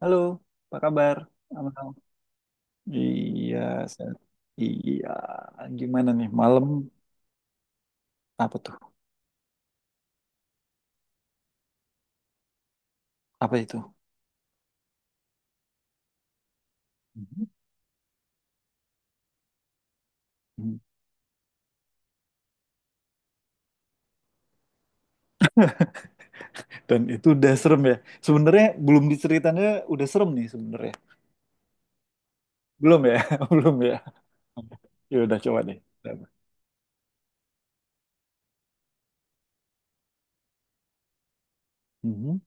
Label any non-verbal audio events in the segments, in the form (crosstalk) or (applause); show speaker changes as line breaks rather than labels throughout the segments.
Halo, apa kabar? Amal? Iya, saya- iya. Gimana nih malam? Apa tuh? Apa itu? Mhm. (laughs) Dan itu udah serem ya. Sebenarnya belum diceritanya udah serem nih sebenarnya. Belum ya, (laughs) belum ya. Ya udah coba deh. Mhm.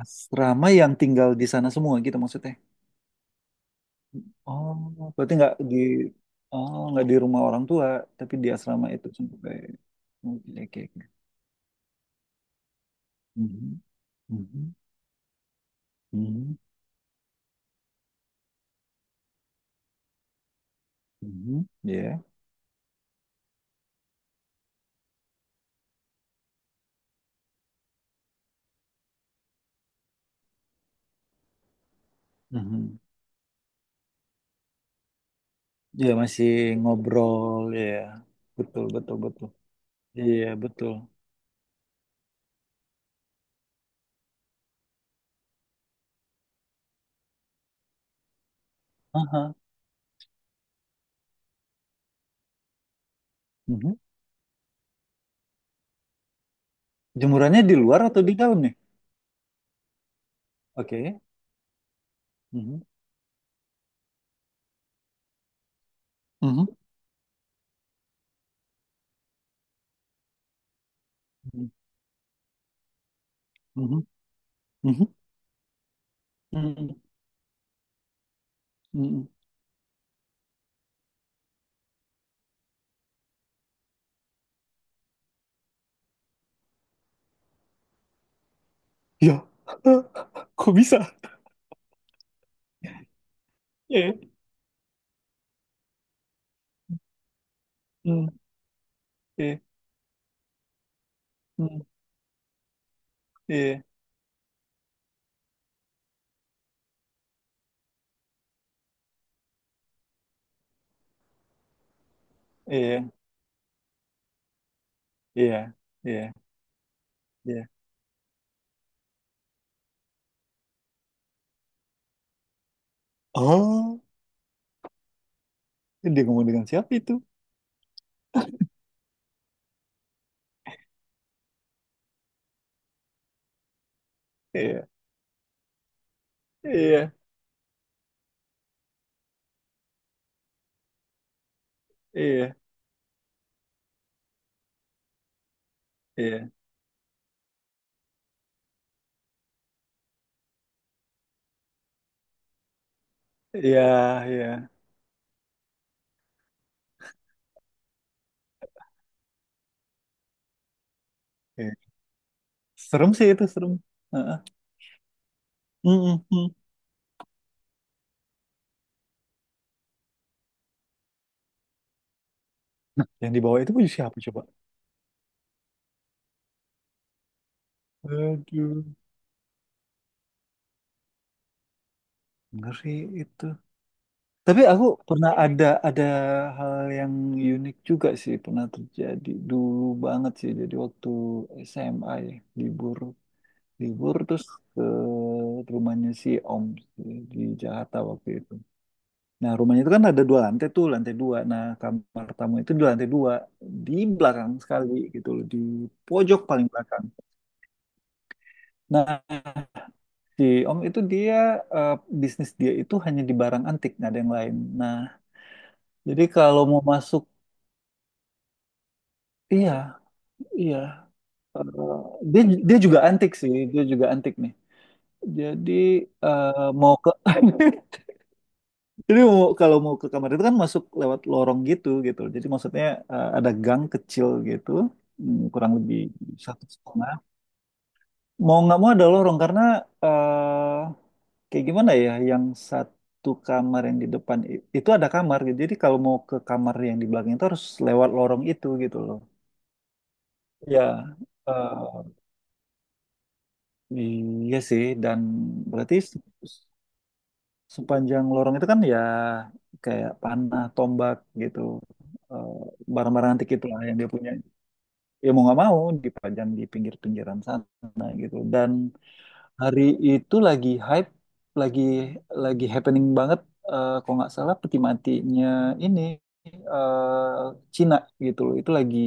Asrama yang tinggal di sana semua gitu maksudnya. Oh, berarti nggak di rumah orang tua, tapi di asrama itu sampai. Oke, oke, oke. Mhm. Mhm. Mhm. Mhm, ya. Mhm. Ya masih ngobrol ya, betul betul betul. Iya, betul. Aha. Mhm. Jemurannya di luar atau di dalam nih? Oke. Mhm. Mhm. Mhm. Mhm. Mhm. Mhm. Ya, (laughs) kok bisa? Iya. Mhm. Iya. Mhm. Iya. Iya. Iya. Iya. Iya. Oh, dia ngomong dengan siapa itu? Iya. Iya. Iya. Iya. Iya. Iya. Iya. Serem sih itu, serem. Heeh. Mm, mm, mm. Nah, yang di bawah itu punya siapa coba? Aduh, ngeri itu. Tapi aku pernah ada hal yang unik juga sih pernah terjadi dulu banget sih. Jadi waktu SMA ya, libur libur terus ke rumahnya si Om sih, di Jakarta waktu itu. Nah, rumahnya itu kan ada dua lantai tuh, lantai dua. Nah, kamar tamu itu di lantai dua, di belakang sekali gitu loh, di pojok paling belakang. Nah, Si Om itu dia eh, bisnis dia itu hanya di barang antik, nggak ada yang lain. Nah, jadi kalau mau masuk, iya, iya. Eh, dia dia juga antik sih, dia juga antik nih. Jadi eh, mau ke (laughs) jadi mau, kalau mau ke kamar itu kan masuk lewat lorong gitu gitu. Jadi maksudnya ada gang kecil gitu, kurang lebih satu setengah. Mau nggak mau ada lorong karena kayak gimana ya, yang satu kamar yang di depan itu ada kamar gitu. Jadi kalau mau ke kamar yang di belakang itu harus lewat lorong itu gitu loh. Ya, eh, iya sih. Dan berarti sepanjang lorong itu kan ya kayak panah, tombak gitu, eh, barang-barang antik itulah yang dia punya. Ya mau nggak mau dipajang di pinggir-pinggiran sana gitu. Dan hari itu lagi hype, lagi lagi happening banget. Kalau nggak salah peti matinya ini eh Cina gitu loh. Itu lagi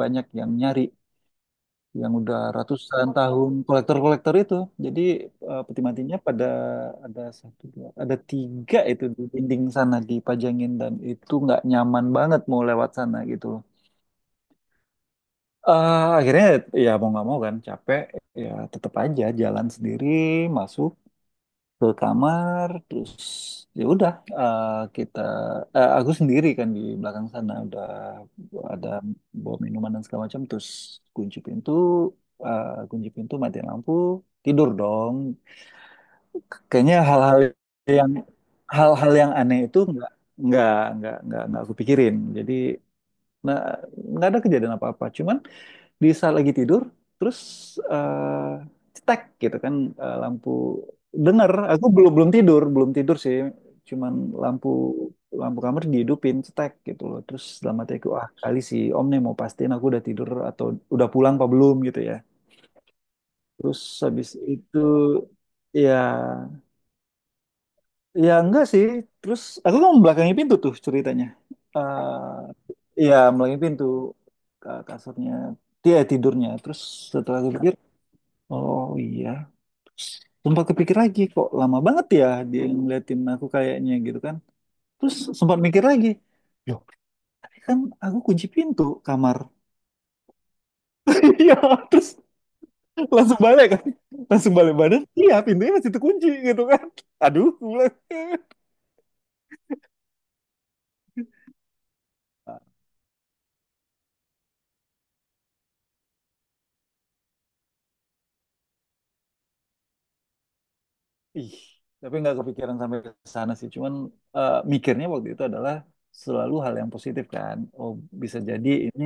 banyak yang nyari, yang udah ratusan tahun kolektor-kolektor itu. Jadi peti matinya pada ada satu, dua, ada tiga itu di dinding sana dipajangin dan itu nggak nyaman banget mau lewat sana gitu loh. Akhirnya ya mau nggak mau kan capek ya tetap aja jalan sendiri masuk ke kamar terus ya udah eh, kita aku sendiri kan di belakang sana udah ada bawa minuman dan segala macam terus kunci pintu kunci pintu matiin lampu tidur dong. Kayaknya yang hal-hal yang aneh itu nggak nggak aku pikirin jadi nah nggak ada kejadian apa-apa cuman di saat lagi tidur terus eh, cetek gitu kan lampu denger aku belum belum tidur belum tidur sih cuman lampu lampu kamar dihidupin cetek gitu loh terus dalam hati aku ah kali si om nih mau pastiin aku udah tidur atau udah pulang apa belum gitu ya terus habis itu ya ya enggak sih terus aku kan membelakangi pintu tuh ceritanya eh ya membelakangi pintu ke kasurnya dia tidurnya terus setelah aku pikir oh iya, sempat kepikir lagi kok lama banget ya dia ngeliatin aku kayaknya gitu kan. Terus sempat mikir lagi, loh tadi kan aku kunci pintu kamar. (laughs) Iya, terus langsung balik kan, langsung balik badan. Iya, pintunya masih terkunci gitu kan. Aduh, gue bilang, ih, tapi nggak kepikiran sampai ke sana sih. Cuman mikirnya waktu itu adalah selalu hal yang positif kan. Oh bisa jadi ini.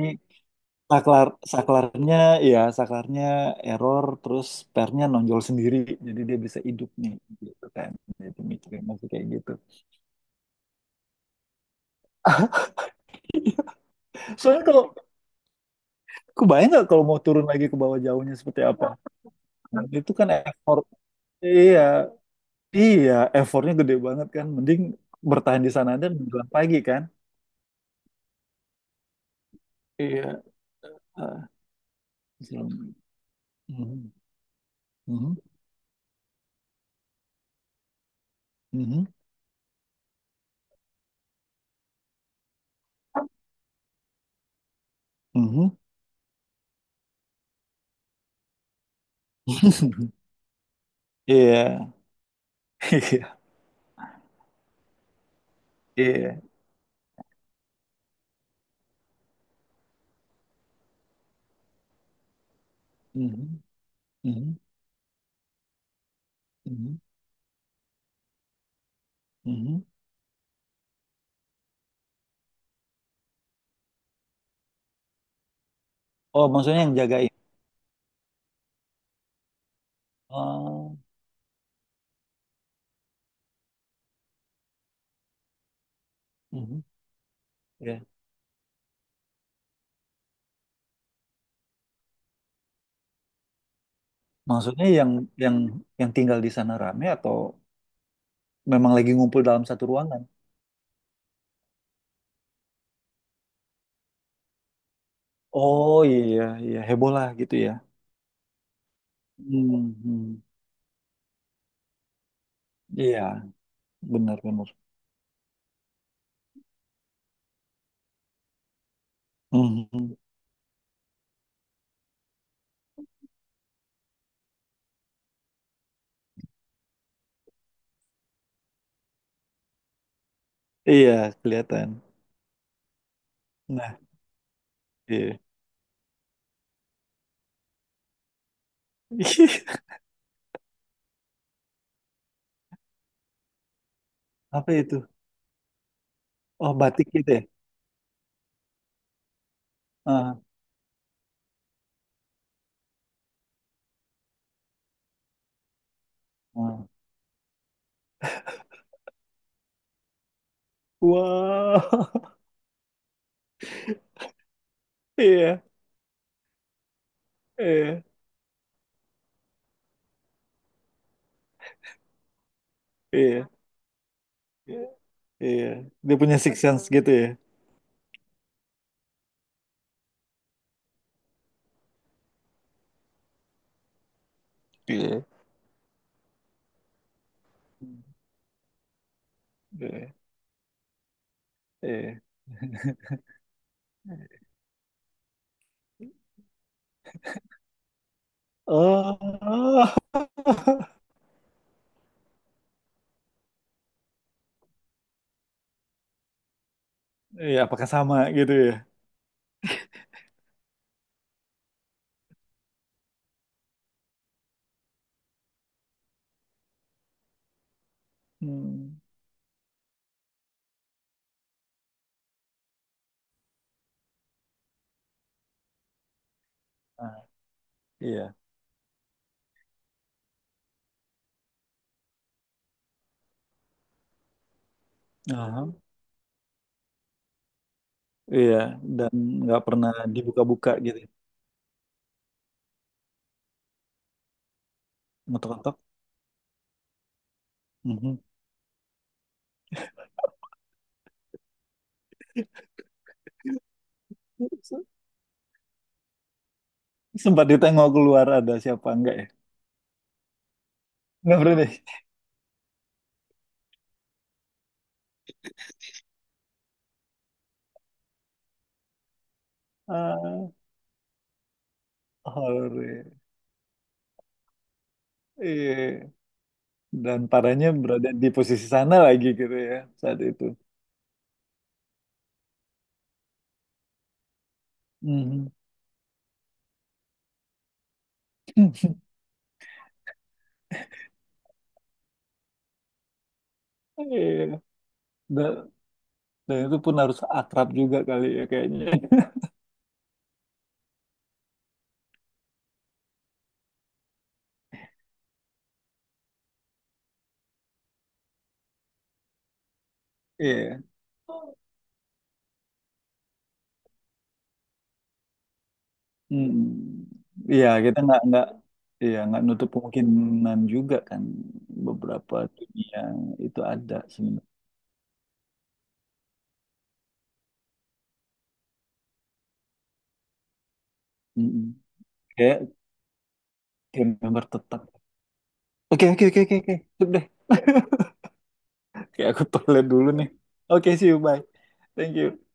saklar saklarnya saklarnya error terus pernya nonjol sendiri jadi dia bisa hidup nih gitu kan jadi mikirnya masih kayak gitu soalnya kalau kebayang nggak kalau mau turun lagi ke bawah jauhnya seperti apa. Nah, itu kan iya, iya, effortnya gede banget kan mending bertahan di sana dan menjelang pagi kan iya. Ah, menjelang- Mhm, mhm, mhm, mhm. (laughs) Iya. (laughs) Iya, iya. Mhm, mhm, mhm, mhm. Mhm. Oh, maksudnya yang jagain. Oh, mhm. Ya. Maksudnya yang yang tinggal di sana rame atau memang lagi ngumpul dalam satu ruangan? Oh, iya, iya, heboh lah gitu ya. Hmm, hmm. Iya, benar-benar. Mhm. Iya, kelihatan. Nah, iya. (laughs) Apa itu? Oh, batik gitu ya. Ah, ah. Wow. (laughs) Iya, iya, iya, iya. Iya. Dia punya six sense gitu ya. Iya. Iya. Iya. (laughs) Oh, (laughs) iya, apakah sama gitu ya? Hmm. Nah, iya. Aha. Iya, dan nggak pernah dibuka-buka gitu. Ngetok-ngetok. Mhm. Se- Sempat ditengok keluar ada siapa enggak ya? Nggak pernah deh. Ah, horor. Iya. Dan parahnya berada di posisi sana lagi gitu ya saat itu. Mhm. Iya. Dan, dan itu pun harus akrab juga kali ya kayaknya. (laughs) Iya. Hmm, iya kita nggak iya nggak nutup kemungkinan juga kan beberapa dunia itu ada sebenarnya. Mm-mm. Kayak game member tetap. Oke, oke, oke, oke, oke. Cukup deh. (laughs) Kayak aku toilet dulu nih. Oke, see you bye. Thank you.